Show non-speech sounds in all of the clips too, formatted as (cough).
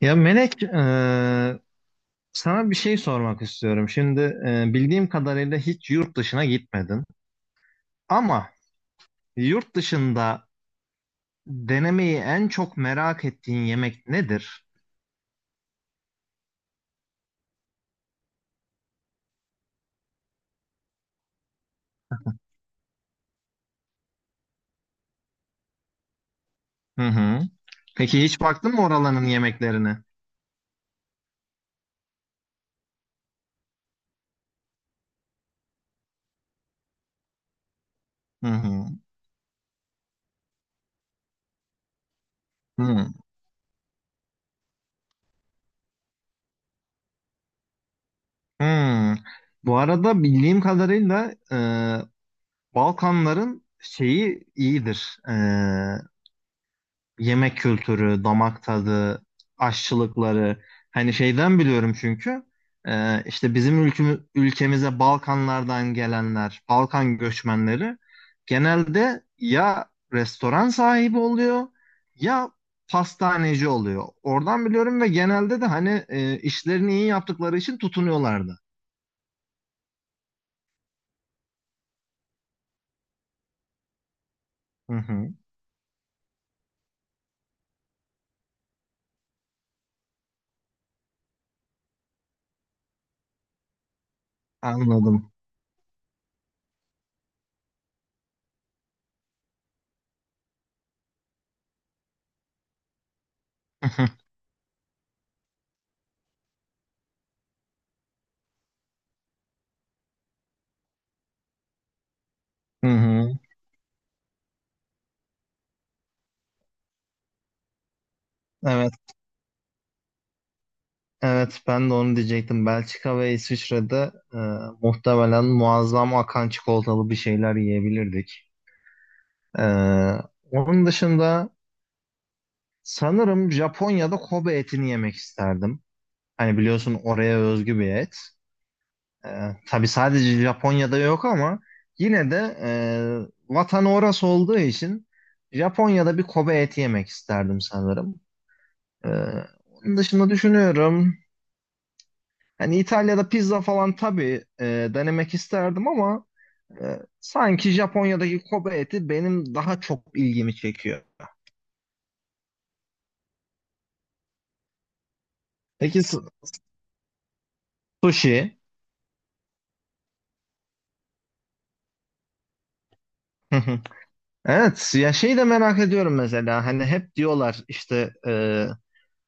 Ya Melek, sana bir şey sormak istiyorum. Şimdi bildiğim kadarıyla hiç yurt dışına gitmedin. Ama yurt dışında denemeyi en çok merak ettiğin yemek nedir? Hı hı. Peki hiç baktın mı oraların yemeklerine? Hı hı. Hı. Hı. Bu arada bildiğim kadarıyla Balkanların şeyi iyidir. Yemek kültürü, damak tadı, aşçılıkları hani şeyden biliyorum çünkü işte bizim ülkemize Balkanlardan gelenler, Balkan göçmenleri genelde ya restoran sahibi oluyor ya pastaneci oluyor. Oradan biliyorum ve genelde de hani işlerini iyi yaptıkları için tutunuyorlardı. Hı hı, anladım. (laughs) Hı hı, evet. Evet ben de onu diyecektim. Belçika ve İsviçre'de muhtemelen muazzam akan çikolatalı bir şeyler yiyebilirdik. E, onun dışında sanırım Japonya'da Kobe etini yemek isterdim. Hani biliyorsun oraya özgü bir et. E, tabii sadece Japonya'da yok ama yine de vatanı orası olduğu için Japonya'da bir Kobe eti yemek isterdim sanırım. E, onun dışında düşünüyorum. Hani İtalya'da pizza falan tabii denemek isterdim ama sanki Japonya'daki Kobe eti benim daha çok ilgimi çekiyor. Peki sushi? Hı hı. Evet ya şeyi de merak ediyorum mesela hani hep diyorlar işte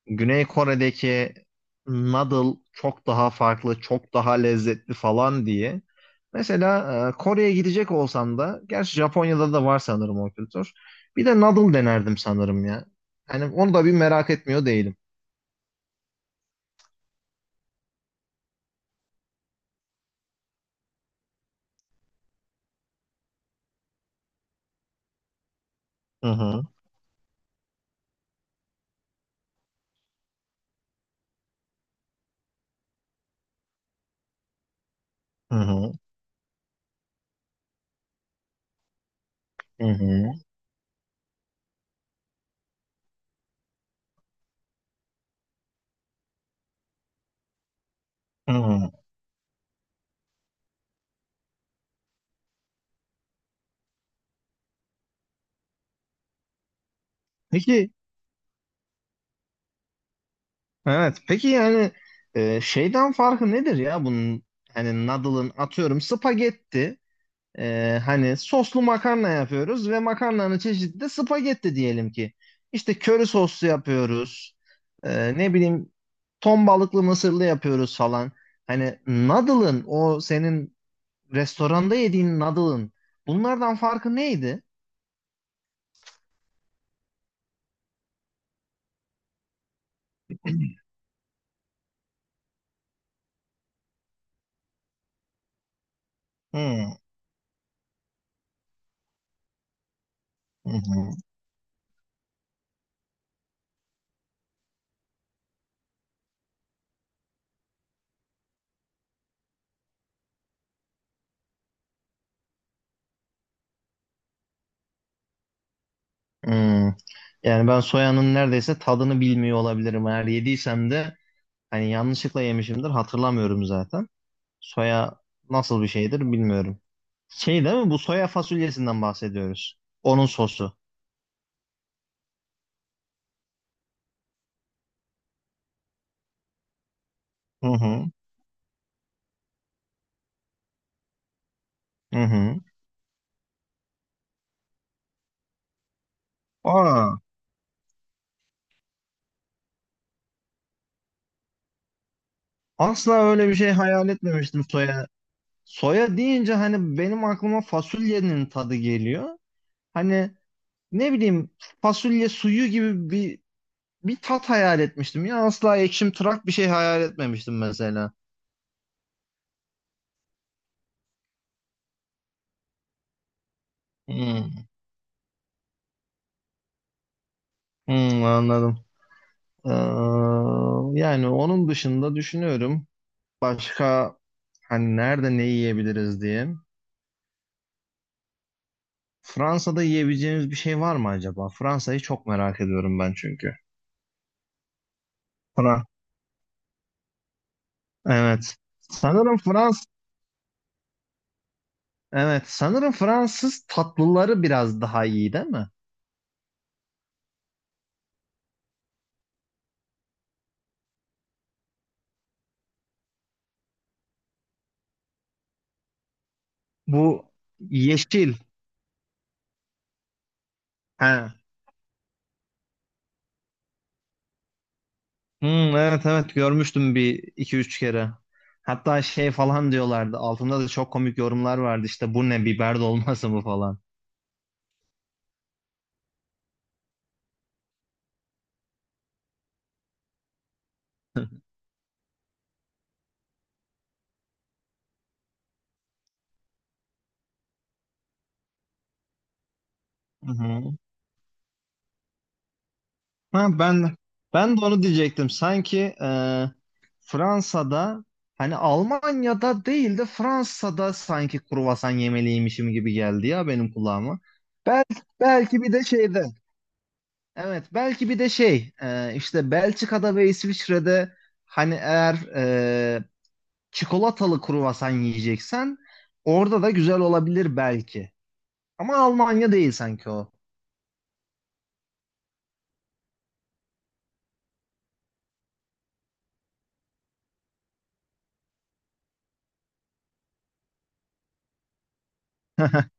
Güney Kore'deki noodle çok daha farklı, çok daha lezzetli falan diye. Mesela Kore'ye gidecek olsam da, gerçi Japonya'da da var sanırım o kültür. Bir de noodle denerdim sanırım ya. Hani onu da bir merak etmiyor değilim. Hı hı, hı hı, hı hı, hı hı. Peki, evet. Peki yani şeyden farkı nedir ya bunun? Hani noodle'ın atıyorum spagetti. Hani soslu makarna yapıyoruz ve makarnanın çeşidi de spagetti diyelim ki. İşte köri soslu yapıyoruz. Ne bileyim ton balıklı mısırlı yapıyoruz falan. Hani noodle'ın o senin restoranda yediğin noodle'ın bunlardan farkı neydi? Hı hı. Hmm. Yani ben soyanın neredeyse tadını bilmiyor olabilirim. Eğer yediysem de hani yanlışlıkla yemişimdir hatırlamıyorum zaten. Soya nasıl bir şeydir bilmiyorum. Şey değil mi? Bu soya fasulyesinden bahsediyoruz. Onun sosu. Hı hı. Hı hı. Aa, asla öyle bir şey hayal etmemiştim soya. Soya deyince hani benim aklıma fasulyenin tadı geliyor. Hani ne bileyim fasulye suyu gibi bir tat hayal etmiştim ya asla ekşim tırak bir şey hayal etmemiştim mesela. Hmm, hmm, anladım. Ee, yani onun dışında düşünüyorum başka hani nerede ne yiyebiliriz diye. Fransa'da yiyebileceğimiz bir şey var mı acaba? Fransa'yı çok merak ediyorum ben çünkü. Fra evet. Sanırım Frans evet sanırım Fransız tatlıları biraz daha iyi değil mi? Bu yeşil. He. Hmm, evet evet görmüştüm bir iki üç kere. Hatta şey falan diyorlardı. Altında da çok komik yorumlar vardı. İşte bu ne biber dolması mı falan. Hı hı. Ha, ben de onu diyecektim. Sanki Fransa'da hani Almanya'da değil de Fransa'da sanki kruvasan yemeliymişim gibi geldi ya benim kulağıma. Bel belki bir de şeyde. Evet belki bir de şey işte Belçika'da ve İsviçre'de hani eğer çikolatalı kruvasan yiyeceksen orada da güzel olabilir belki. Ama Almanya değil sanki o. (laughs)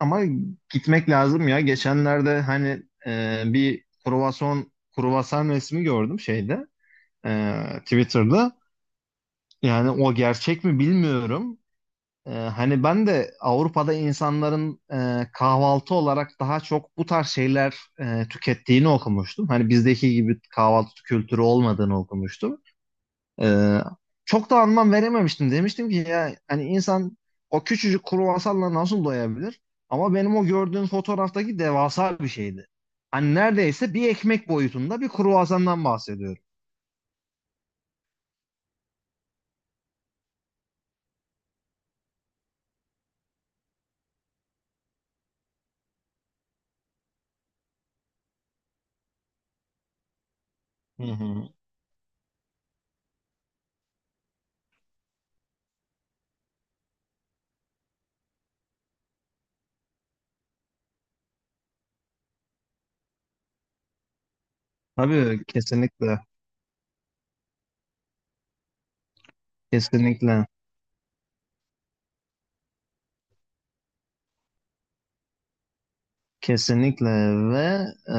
Ama gitmek lazım ya. Geçenlerde hani bir kruvasan resmi gördüm şeyde Twitter'da. Yani o gerçek mi bilmiyorum. Hani ben de Avrupa'da insanların kahvaltı olarak daha çok bu tarz şeyler tükettiğini okumuştum. Hani bizdeki gibi kahvaltı kültürü olmadığını okumuştum. Ee, çok da anlam verememiştim. Demiştim ki ya hani insan o küçücük kruvasanla nasıl doyabilir? Ama benim o gördüğün fotoğraftaki devasa bir şeydi. Hani neredeyse bir ekmek boyutunda bir kruvasandan bahsediyorum. Hı hı. Tabii kesinlikle, kesinlikle, kesinlikle ve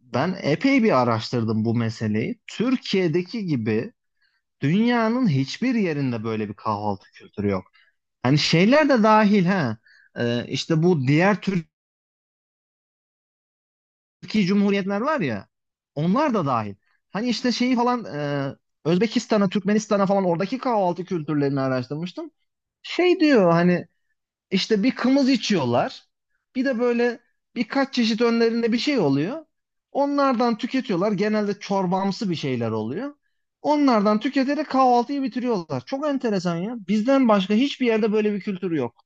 ben epey bir araştırdım bu meseleyi. Türkiye'deki gibi dünyanın hiçbir yerinde böyle bir kahvaltı kültürü yok. Hani şeyler de dahil ha. İşte bu diğer Türkiye Cumhuriyetler var ya. Onlar da dahil. Hani işte şeyi falan e, Özbekistan'a, Türkmenistan'a falan oradaki kahvaltı kültürlerini araştırmıştım. Şey diyor hani işte bir kımız içiyorlar. Bir de böyle birkaç çeşit önlerinde bir şey oluyor. Onlardan tüketiyorlar. Genelde çorbamsı bir şeyler oluyor. Onlardan tüketerek kahvaltıyı bitiriyorlar. Çok enteresan ya. Bizden başka hiçbir yerde böyle bir kültür yok.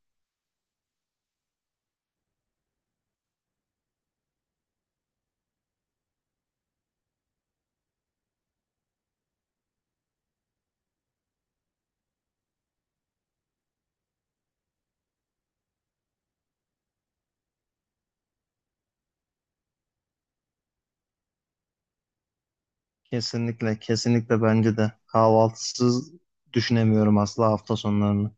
Kesinlikle, kesinlikle bence de. Kahvaltısız düşünemiyorum asla hafta sonlarını.